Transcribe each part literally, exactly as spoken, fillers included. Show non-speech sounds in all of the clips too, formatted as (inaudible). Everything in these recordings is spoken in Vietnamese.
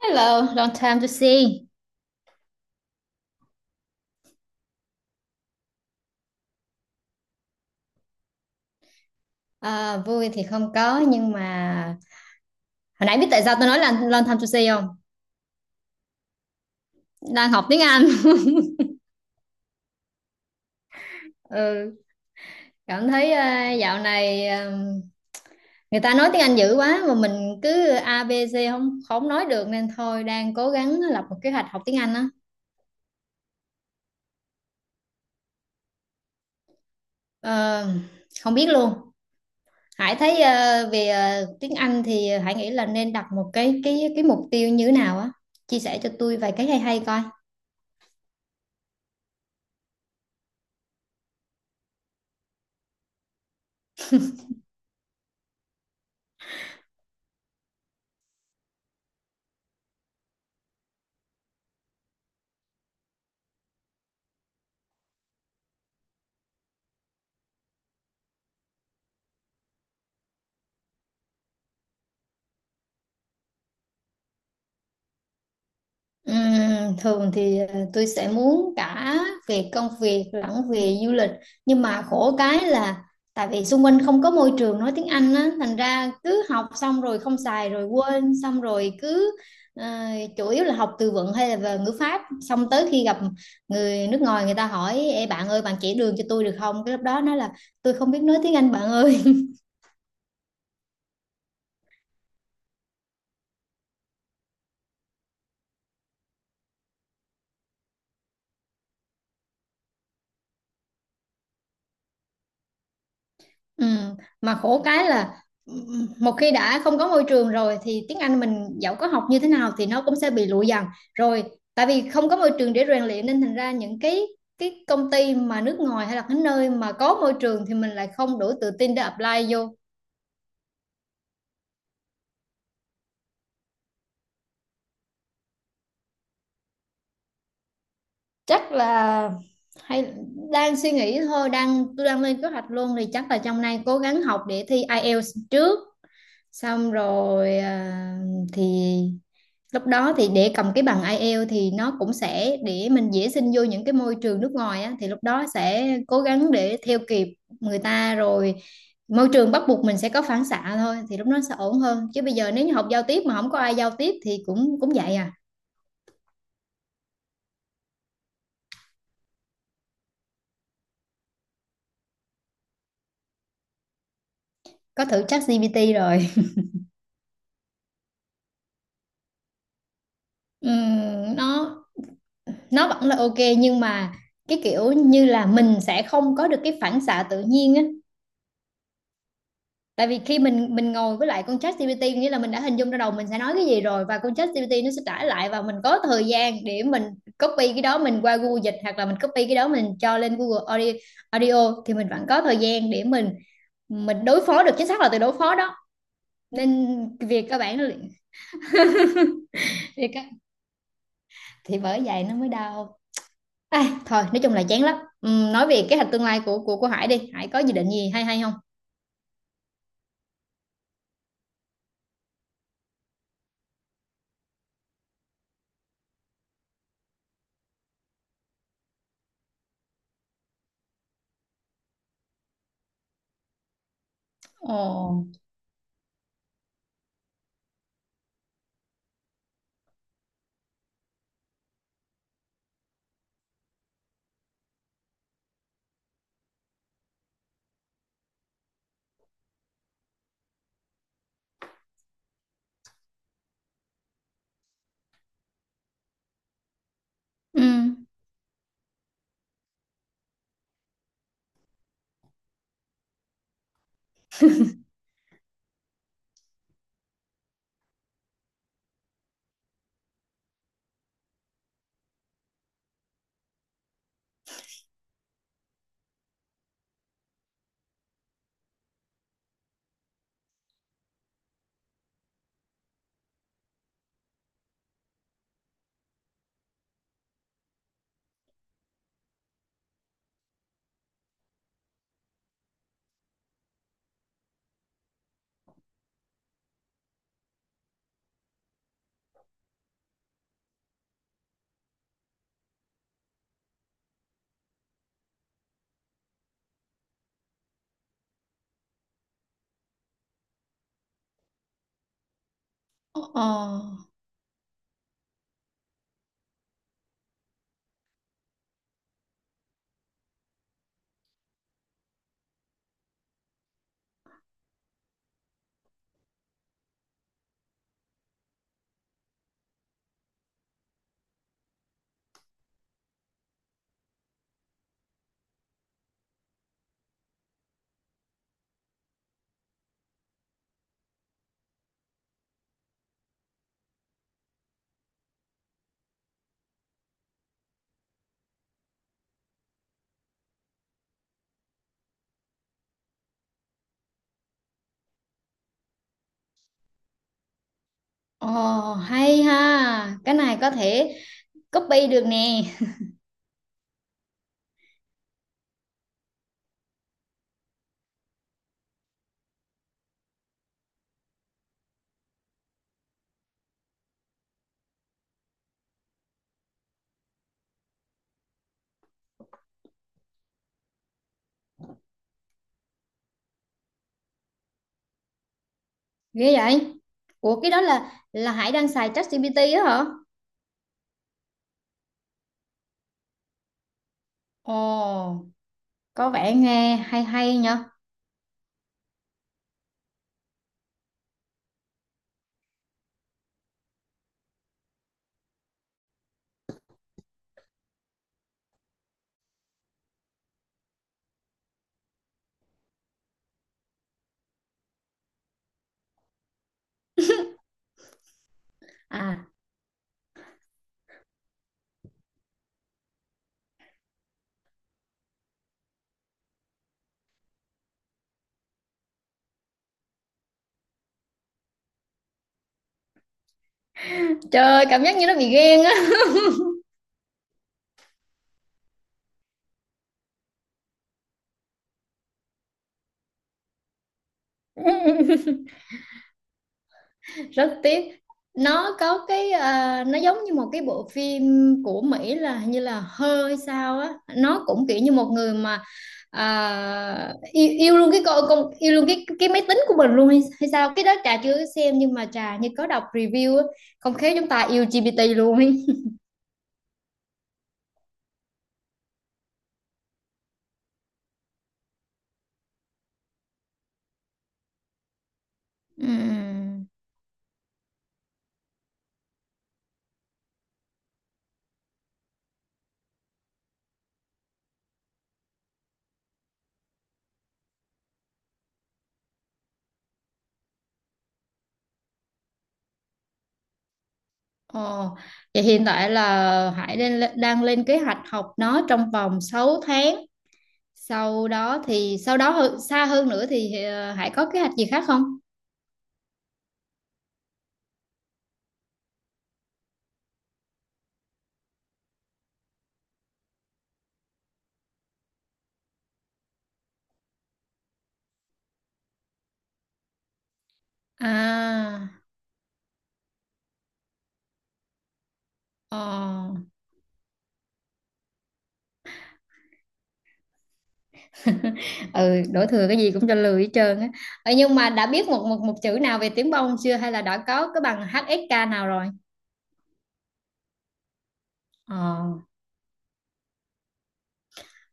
Hello, long time to see. À, vui thì không có nhưng mà hồi nãy biết tại sao tôi nói là long time to see không? Đang học tiếng Anh. (laughs) Ừ, cảm thấy à, dạo này à, người ta nói tiếng Anh dữ quá mà mình cứ a bê xê không không nói được nên thôi đang cố gắng lập một kế hoạch học tiếng Anh á. Ờ, không biết luôn. Hải thấy à, về à, tiếng Anh thì Hải nghĩ là nên đặt một cái cái cái mục tiêu như thế nào á. Chia sẻ cho tôi vài cái hay hay coi. Ừm, thường thì ờ, tôi sẽ muốn cả về công việc lẫn về du lịch, nhưng mà khổ cái là tại vì xung quanh không có môi trường nói tiếng Anh á, thành ra cứ học xong rồi không xài rồi quên, xong rồi cứ ờ, chủ yếu là học từ vựng hay là về ngữ pháp, xong tới khi gặp người nước ngoài, người ta hỏi "Ê, bạn ơi, bạn chỉ đường cho tôi được không?", cái lúc đó nói là tôi không biết nói tiếng Anh bạn ơi. Ừ, mà khổ cái là ừ, ừ, một khi đã không có môi trường rồi thì tiếng Anh mình dẫu có học như thế nào thì nó cũng sẽ bị lụi dần rồi, tại vì không có môi trường để rèn luyện nên thành ra những cái cái công ty mà nước ngoài hay là cái nơi mà có môi trường thì mình lại không đủ tự tin để apply vô. Chắc là hay, đang suy nghĩ thôi, đang tôi đang lên kế hoạch luôn thì chắc là trong nay cố gắng học để thi IELTS trước, xong rồi à, thì lúc đó thì để cầm cái bằng IELTS thì nó cũng sẽ để mình dễ xin vô những cái môi trường nước ngoài á, thì lúc đó sẽ cố gắng để theo kịp người ta rồi, môi trường bắt buộc mình sẽ có phản xạ thôi thì lúc đó sẽ ổn hơn, chứ bây giờ nếu như học giao tiếp mà không có ai giao tiếp thì cũng cũng vậy à. Có thử ChatGPT rồi. (laughs) Ừm, nó nó vẫn là ok, nhưng mà cái kiểu như là mình sẽ không có được cái phản xạ tự nhiên á, tại vì khi mình mình ngồi với lại con chat gi pi ti nghĩa là mình đã hình dung ra đầu mình sẽ nói cái gì rồi, và con chat gi pi ti nó sẽ trả lại và mình có thời gian để mình copy cái đó mình qua Google dịch, hoặc là mình copy cái đó mình cho lên Google Audio, Audio thì mình vẫn có thời gian để mình mình đối phó được, chính xác là từ đối phó đó. Nên việc các bạn việc các- thì bởi vậy nó mới đau. à, thôi nói chung là chán lắm. Ừm, nói về kế hoạch tương lai của của của Hải đi, Hải có dự định gì hay hay không? Ồ. Ừ. Ồ. Ồ, hay ha, cái này có thể copy được nè. Ghê vậy? Ủa, cái đó là là Hải đang xài ChatGPT á hả? Ồ, có vẻ nghe hay hay nha. À, trời, cảm giác như nó bị ghen á. (laughs) Rất tiếc, nó có cái, à, nó giống như một cái bộ phim của Mỹ, là hình như là hơi sao á, nó cũng kiểu như một người mà à, yêu, yêu luôn cái con, con, yêu luôn cái cái máy tính của mình luôn hay, hay sao, cái đó Trà chưa có xem nhưng mà Trà như có đọc review á. Không khéo chúng ta yêu gi pi ti luôn ấy. Ừm. Ồ, vậy hiện tại là Hải lên, đang lên kế hoạch học nó trong vòng sáu tháng, sau đó thì sau đó hơn- xa hơn nữa thì ờ, Hải có kế hoạch gì khác không? À, ờ. (laughs) Ừ, đổ thừa cái gì cũng cho lười hết trơn á. Ờ, nhưng mà đã biết một một một chữ nào về tiếng bông chưa hay là đã có cái bằng hát ét ca nào rồi? Ờ.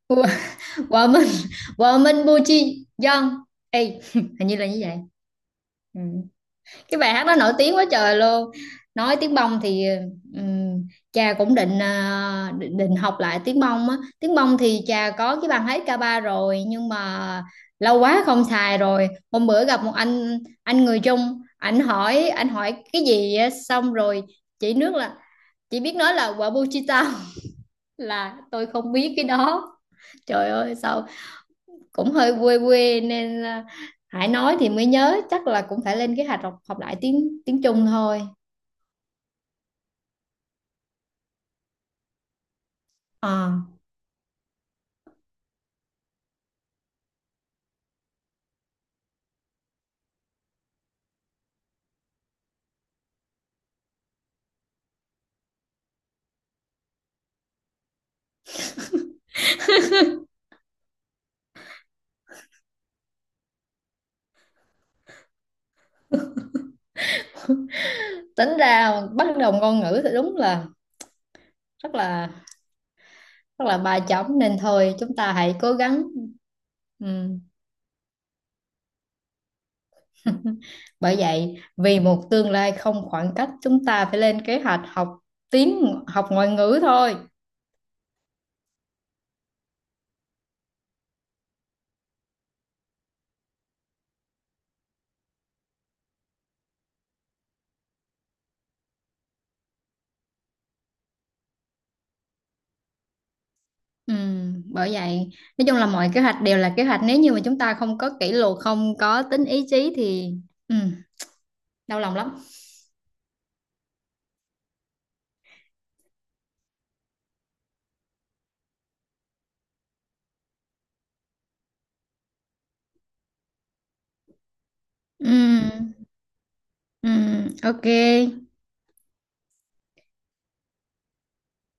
Wo- (laughs) Woman, woman Buchi Young. Ê, (laughs) hình như là như vậy. Ừ, cái bài hát đó nổi tiếng quá trời luôn. Nói tiếng bông thì ừm, cha cũng định à, định, định học lại tiếng bông á, tiếng bông thì cha có cái bàn hát ca ba rồi nhưng mà lâu quá không xài rồi. Hôm bữa gặp một anh anh người Trung, anh hỏi anh hỏi cái gì á, xong rồi chỉ nước là chỉ biết nói là quả bu chi tao. (laughs) Là tôi không biết cái đó. Trời ơi sao cũng hơi quê quê, nên à, Hải nói thì mới nhớ, chắc là cũng phải lên kế hoạch học học lại tiếng tiếng Trung thôi. Ờ. Tính ra bắt đầu ngôn ngữ thì đúng là rất là rất là ba chấm, nên thôi chúng ta hãy cố gắng. Ừ. (laughs) Bởi vậy, vì một tương lai không khoảng cách chúng ta phải lên kế hoạch học tiếng học ngoại ngữ thôi. Ừ. Bởi vậy nói chung là mọi kế hoạch đều là kế hoạch, nếu như mà chúng ta không có kỷ luật, không có tính ý chí thì ừ. đau lòng lắm. Ừ. Ừ. Ok,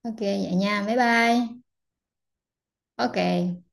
ok, vậy nha, bye bye. Ok